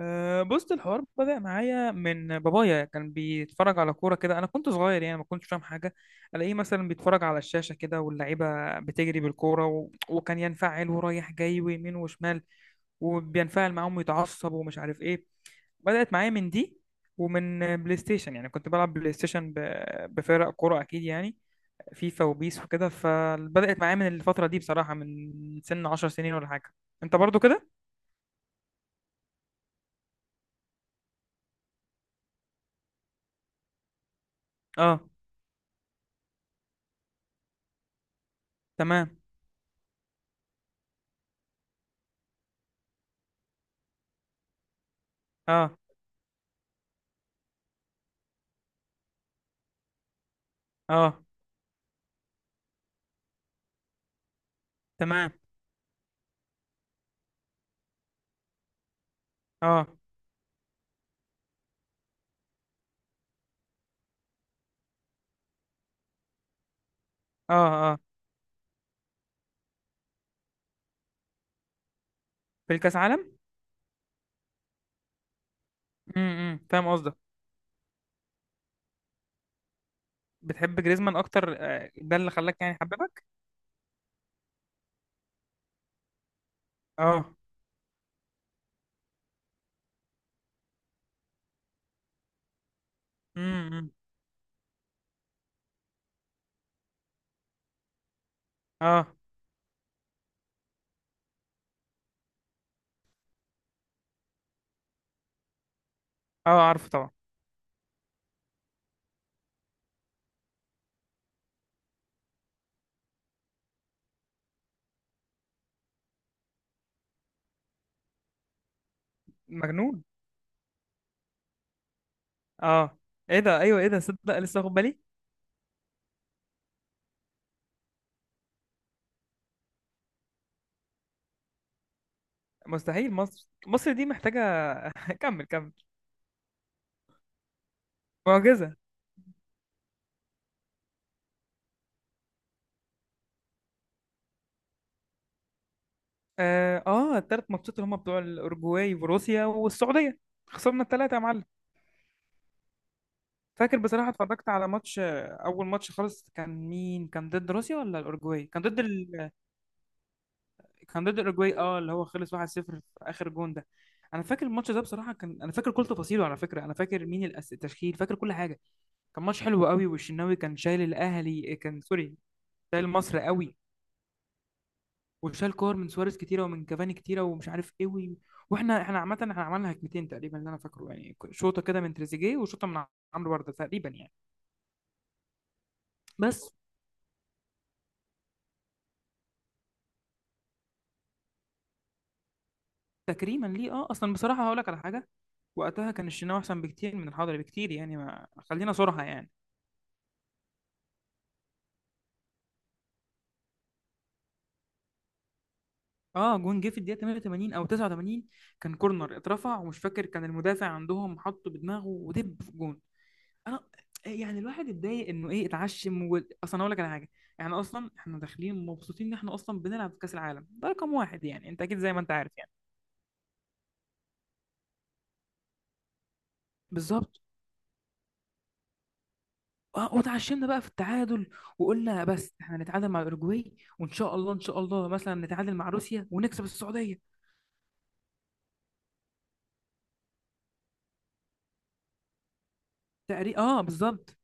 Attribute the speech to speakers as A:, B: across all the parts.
A: أه بص، الحوار بدأ معايا من بابايا. كان بيتفرج على كورة كده، أنا كنت صغير يعني ما كنتش فاهم حاجة. ألاقيه مثلا بيتفرج على الشاشة كده واللعيبة بتجري بالكورة وكان ينفعل ورايح جاي ويمين وشمال، وبينفعل معاهم ويتعصب ومش عارف إيه. بدأت معايا من دي، ومن بلاي ستيشن. يعني كنت بلعب بلاي ستيشن بفرق كورة أكيد يعني، فيفا وبيس وكده. فبدأت معايا من الفترة دي بصراحة، من سن 10 سنين ولا حاجة. أنت برضو كده؟ أه. تمام. أه. أه. تمام. اه. اه. اه. في الكاس عالم. امم، فاهم قصدك. بتحب جريزمان اكتر، ده اللي خلاك يعني حببك. اه. امم. اه. اه، عارفه طبعا. مجنون. اه. ايه ده؟ ايوه، ايه ده؟ صدق، لسه واخد بالي. مستحيل، مصر مصر دي محتاجه. كمل كمل. معجزه. اه اه، الثلاث ماتشات اللي هم بتوع الاورجواي وروسيا والسعوديه. خسرنا الثلاثه يا معلم. فاكر بصراحه، اتفرجت على ماتش، اول ماتش خالص كان مين؟ كان ضد روسيا ولا الاورجواي؟ كان ضد، كان ضد اوروجواي. اه اللي هو خلص 1-0 في اخر جون ده. انا فاكر الماتش ده بصراحه، كان انا فاكر كل تفاصيله على فكره، انا فاكر مين التشكيل، فاكر كل حاجه. كان ماتش حلو قوي. والشناوي كان شايل الاهلي، كان سوري. شايل مصر قوي. وشال كور من سواريز كتيره، ومن كافاني كتيره، ومش عارف ايه واحنا عامه، احنا عملنا هجمتين تقريبا اللي انا فاكره. يعني شوطه كده من تريزيجيه، وشوطه من عمرو برده تقريبا يعني. بس. تكريما ليه. اه اصلا بصراحه هقول لك على حاجه، وقتها كان الشناوي احسن بكتير من الحضري، بكتير يعني، ما خلينا صراحه يعني. اه، جون جه في الدقيقه 88 او 89. كان كورنر اترفع، ومش فاكر، كان المدافع عندهم حطه بدماغه ودب في جون. انا يعني الواحد اتضايق، انه ايه، اتعشم اصلا اقول لك على حاجه، يعني اصلا احنا داخلين مبسوطين ان احنا اصلا بنلعب في كاس العالم، ده رقم واحد يعني، انت اكيد زي ما انت عارف يعني. بالظبط. اه وتعشمنا بقى في التعادل، وقلنا بس احنا نتعادل مع الاوروجواي، وان شاء الله ان شاء الله مثلا نتعادل مع روسيا ونكسب السعوديه. تقريبا اه بالظبط.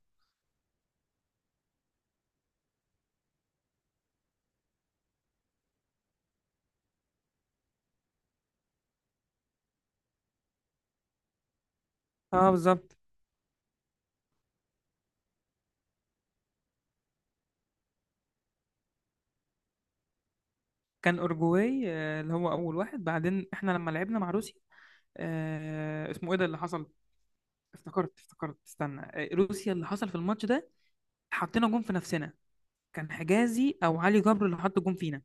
A: اه بالظبط. كان اورجواي، اللي هو اول واحد، بعدين احنا لما لعبنا مع روسيا، اسمه ايه ده اللي حصل؟ افتكرت افتكرت، استنى، روسيا اللي حصل في الماتش ده حطينا جون في نفسنا. كان حجازي او علي جبر اللي حط جون فينا.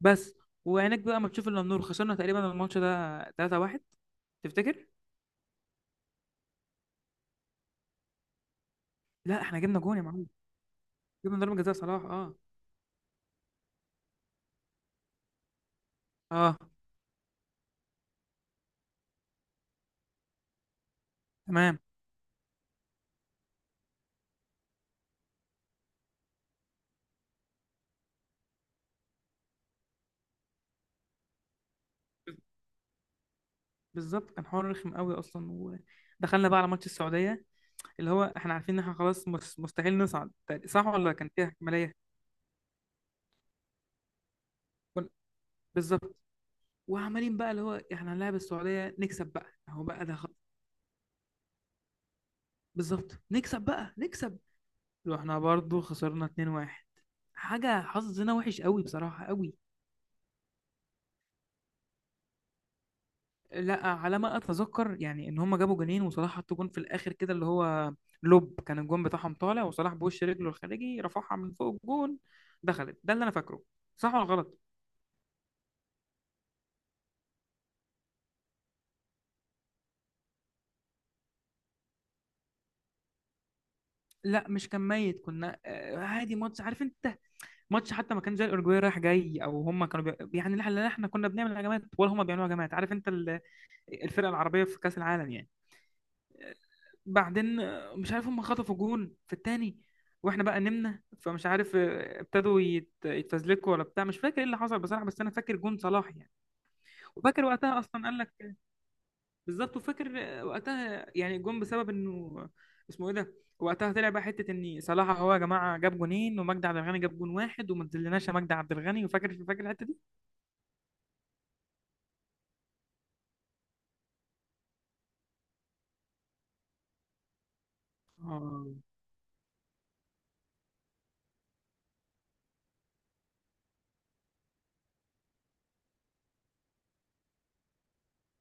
A: بس. وعينك بقى ما تشوف الا النور، خسرنا تقريبا الماتش ده 3-1. تفتكر؟ لا احنا جبنا جون يا معلم. جبنا ضربة جزاء صلاح. اه. اه. تمام. بالظبط، كان حوار رخم قوي اصلا. ودخلنا بقى على ماتش السعودية، اللي هو احنا عارفين ان احنا خلاص، مستحيل نصعد. صح؟ ولا كان فيها احتماليه؟ كن- بالظبط. وعمالين بقى اللي هو احنا هنلاعب السعوديه، نكسب بقى اهو، بقى ده بالظبط. نكسب بقى نكسب. واحنا برضو خسرنا 2-1. حاجه، حظنا وحش قوي بصراحه، قوي. لا على ما اتذكر، يعني ان هم جابوا جونين وصلاح حط جون في الاخر كده، اللي هو لوب. كان الجون بتاعهم طالع، وصلاح بوش رجله الخارجي، رفعها من فوق الجون، دخلت. ده اللي انا فاكره، صح ولا غلط؟ لا، مش كان ميت، كنا عادي ماتش، عارف انت، ماتش حتى ما كان زي الاورجواي رايح جاي، او هم كانوا يعني، لا احنا كنا بنعمل هجمات ولا هم بيعملوا هجمات، عارف انت، الفرقه العربيه في كاس العالم يعني. بعدين مش عارف، هم خطفوا جون في التاني، واحنا بقى نمنا، فمش عارف، ابتدوا يتفزلكوا ولا بتاع، مش فاكر ايه اللي حصل بصراحه، بس انا فاكر جون صلاح يعني. وفاكر وقتها اصلا، قال لك بالظبط، وفاكر وقتها يعني جون بسبب انه اسمه ايه ده، وقتها طلع بقى حته ان صلاح هو يا جماعه جاب جونين، ومجدي عبد الغني جاب جون واحد وما تذلناش يا مجدي عبد الغني. وفاكر فاكر الحته دي. اه.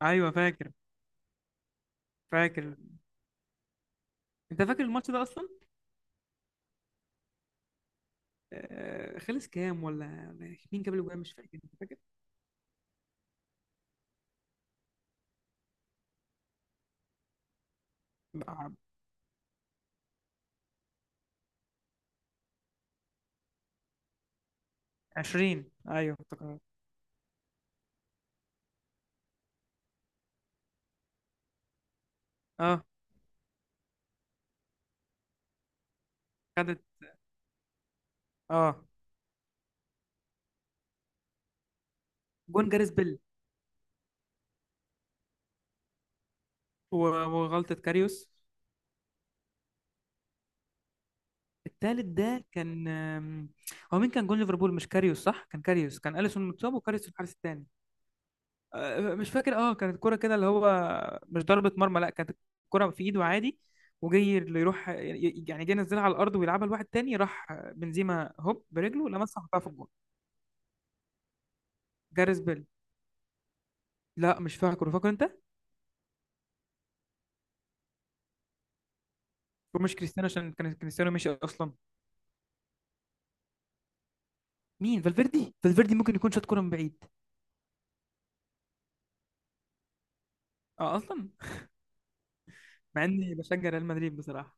A: ايوه فاكر. فاكر انت فاكر الماتش ده اصلا؟ خلص كام؟ ولا مين جاب الاجوان؟ مش فاكر، انت فاكر؟ آه، 20 ايوه افتكرت. اه. خدت. اه، جون جاريس بيل. و- وغلطة كاريوس. التالت ده كان، هو مين كان جون ليفربول؟ مش كاريوس؟ صح، كان كاريوس. كان أليسون متصاب وكاريوس في الحارس التاني. مش فاكر، اه كانت الكرة كده اللي هو، مش ضربة مرمى، لا كانت الكرة في ايده عادي، وجاي اللي يروح يعني، جاي ينزلها على الارض ويلعبها لواحد تاني، راح بنزيما هوب برجله لمسها وحطها في الجون. جاريث بيل. لا مش فاكره، فاكر انت؟ ومش كريستيانو، عشان كان كريستيانو مشي اصلا. مين؟ فالفيردي؟ فالفيردي ممكن يكون شاط كرة من بعيد. اه اصلا. مع اني بشجع ريال مدريد بصراحة.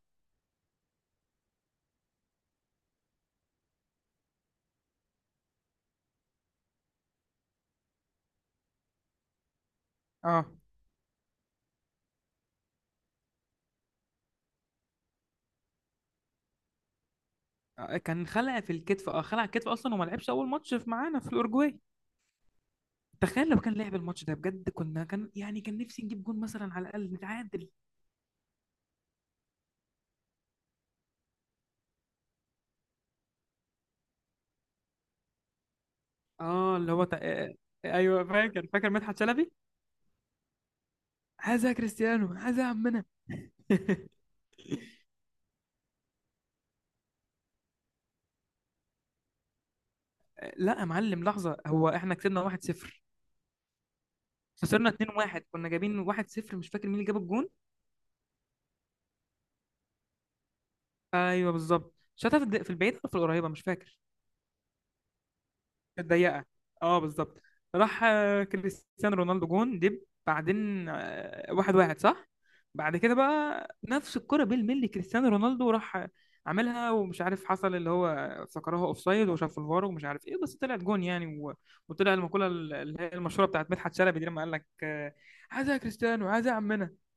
A: اه، كان خلع في الكتف. اه خلع الكتف اصلا، وما لعبش اول ماتش في معانا في الاورجواي. تخيل لو كان لعب الماتش ده بجد، كنا كان يعني، كان نفسي نجيب جون مثلا، على الاقل نتعادل. اه اللي هو ايوه فاكر. فاكر مدحت شلبي، عايزها كريستيانو، عايزها عمنا. لا يا معلم لحظه، هو احنا كسبنا 1-0، خسرنا 2-1. كنا جايبين 1-0، مش فاكر مين اللي جاب الجون. ايوه بالظبط، شاطها في في البعيده ولا في القريبه، مش فاكر. ضيقه. اه بالظبط. راح كريستيانو رونالدو، جون دب. بعدين واحد واحد، صح. بعد كده بقى نفس الكرة بالملي، كريستيانو رونالدو راح عملها، ومش عارف، حصل اللي هو افتكرها اوف سايد وشاف الفار ومش عارف ايه، بس طلعت جون يعني وطلع المقولة اللي هي المشهورة بتاعت مدحت شلبي دي لما قال لك، عايزها يا كريستيانو، عايزها يا عمنا.